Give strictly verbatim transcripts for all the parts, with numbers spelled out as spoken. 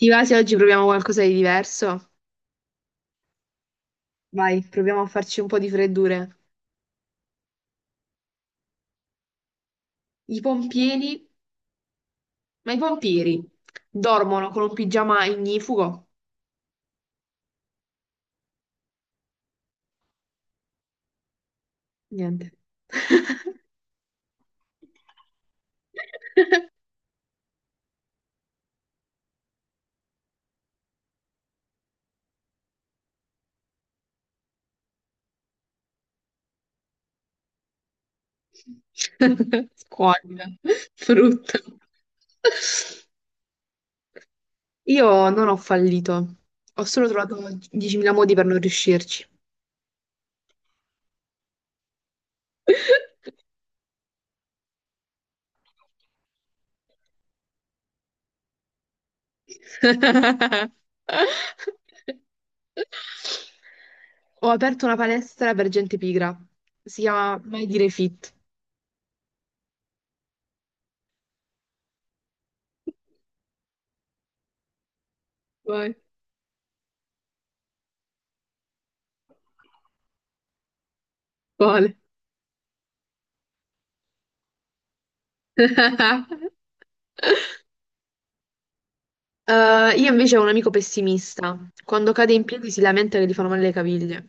Ti va se oggi proviamo qualcosa di diverso? Vai, proviamo a farci un po' di freddure. I pompieri, ma i pompieri dormono con un pigiama ignifugo? Niente. Squallida, brutto. Io non ho fallito, ho solo trovato diecimila modi per non riuscirci. Ho aperto una palestra per gente pigra. Si chiama Mai Dire Fit. Vai. Quale? Eh, io invece ho un amico pessimista. Quando cade in piedi si lamenta che gli fanno male le caviglie.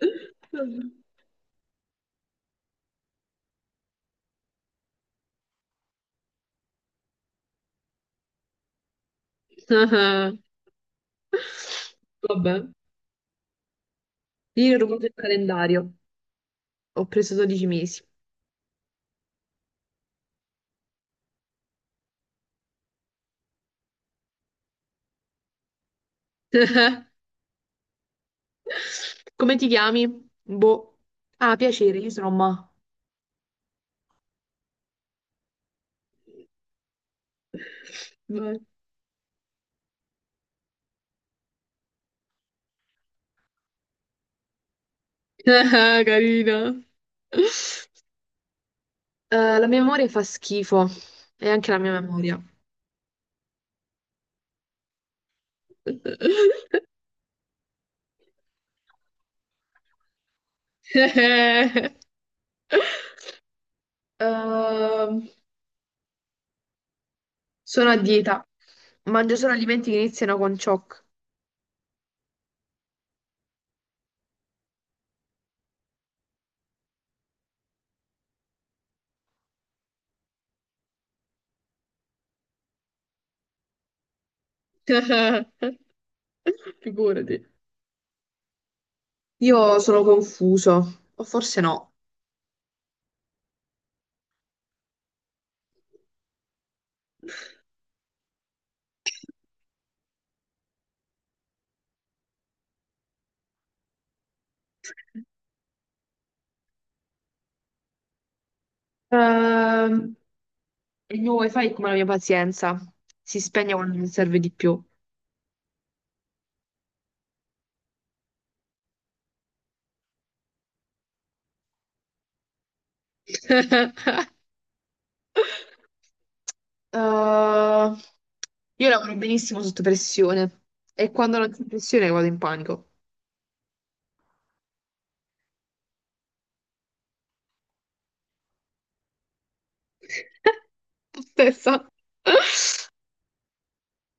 Vabbè. Io ho rubato il calendario. Ho preso dodici mesi. Come ti chiami? Boh. Ah, piacere, io sono Ma. Vai. Ah, Carina. Eh, la mia memoria fa schifo. E anche la mia memoria. Ehm, Sono a dieta. Mangio solo alimenti che iniziano con cioc. Figurati. Io sono confuso. O forse no. Ehm, il mio wifi è come la mia pazienza. Si spegne quando mi serve di più. Uh, io lavoro benissimo sotto pressione e quando non c'è pressione vado in panico. Stessa.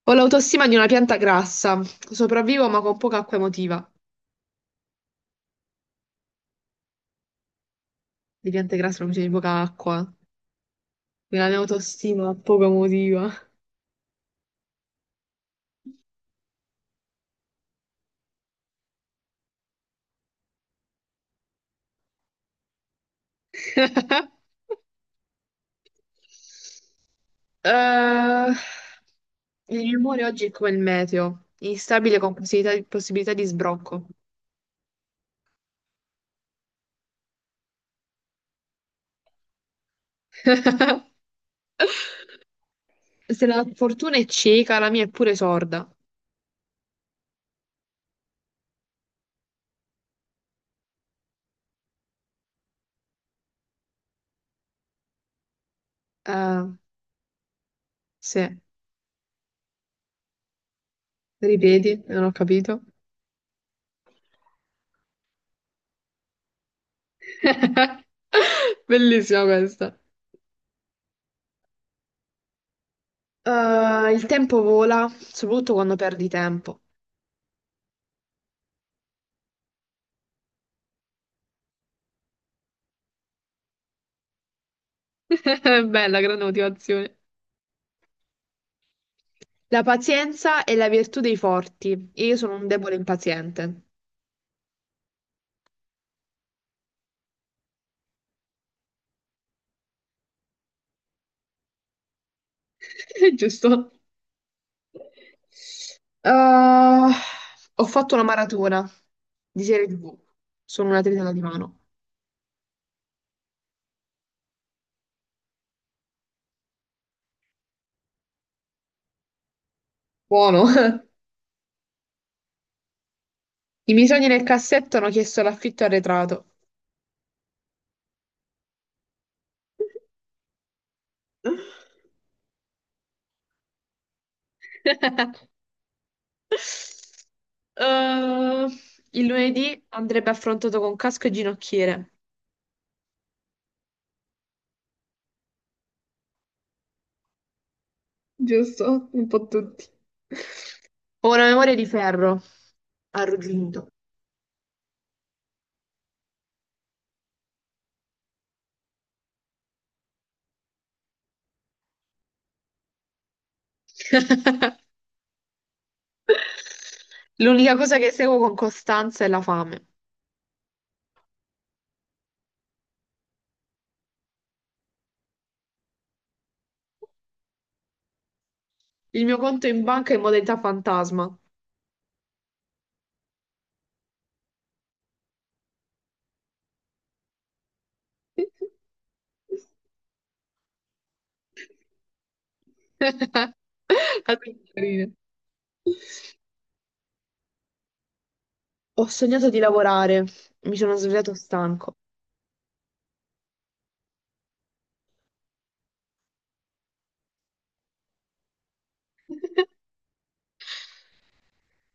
Ho l'autostima di una pianta grassa, sopravvivo ma con poca acqua emotiva. Le piante grasse non bisogna di poca acqua, quindi la mia autostima poco emotiva. Eh, il mio umore oggi è come il meteo, instabile con possibilità, possibilità di sbrocco. Se la fortuna è cieca, la mia è pure sorda. Eh, sì, ripeti, non ho capito. Bellissima questa. Eh, il tempo vola, soprattutto quando perdi tempo. Bella, grande motivazione. La pazienza è la virtù dei forti, e io sono un debole impaziente. Giusto. Eh, Ho fatto una maratona di serie tivù. Sono una tritata di mano. Buono. I miei sogni nel cassetto hanno chiesto l'affitto arretrato. Eh, il lunedì andrebbe affrontato con casco e ginocchiere. Giusto? Un po' tutti. Ho una memoria di ferro, arrugginito. L'unica cosa che seguo con costanza è la fame. Il mio conto in banca è in modalità fantasma. La tua carina. Ho sognato di lavorare, mi sono svegliato stanco.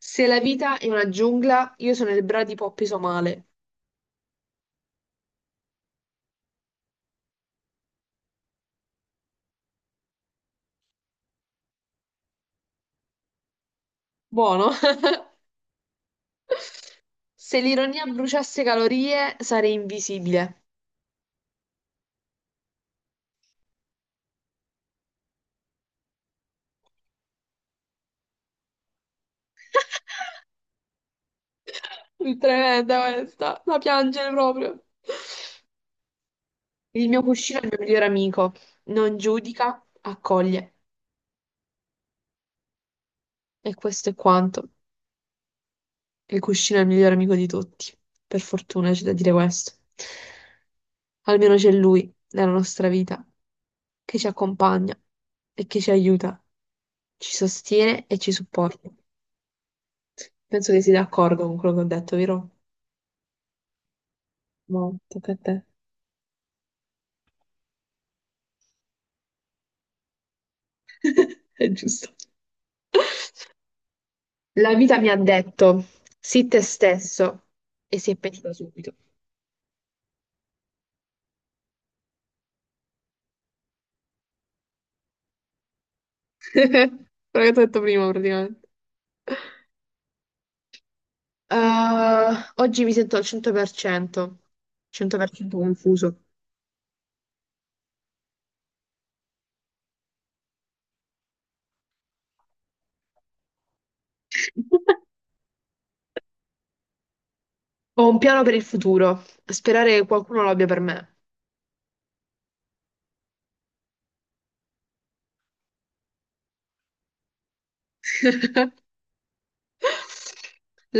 Se la vita è una giungla, io sono il bradipo appeso male. Buono. Se l'ironia bruciasse calorie, sarei invisibile. Tremenda questa, da piangere proprio. Il mio cuscino è il mio migliore amico. Non giudica, accoglie. E questo è quanto. Il cuscino è il migliore amico di tutti. Per fortuna c'è da dire questo. Almeno c'è lui nella nostra vita che ci accompagna e che ci aiuta, ci sostiene e ci supporta. Penso che sei d'accordo con quello che ho detto, vero? No, tocca a te. È giusto. La vita mi ha detto, sii te stesso, e si è pentita subito. Quello che ti ho detto prima, praticamente. Ah, oggi mi sento al cento per cento, cento per cento confuso. Ho un piano per il futuro, sperare che qualcuno lo abbia per me.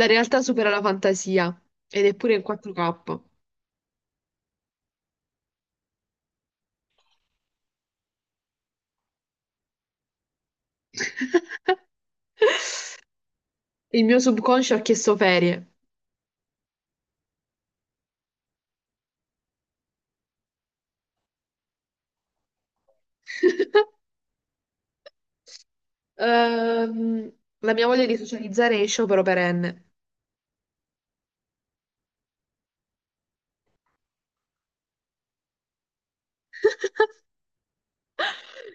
La realtà supera la fantasia, ed è pure in quattro K. Il mio subconscio ha chiesto ferie. Ehm, la mia voglia di socializzare è sciopero perenne.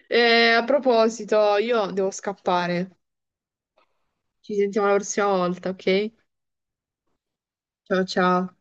Eh, a proposito, io devo scappare. Ci sentiamo la prossima volta, ok? Ciao ciao.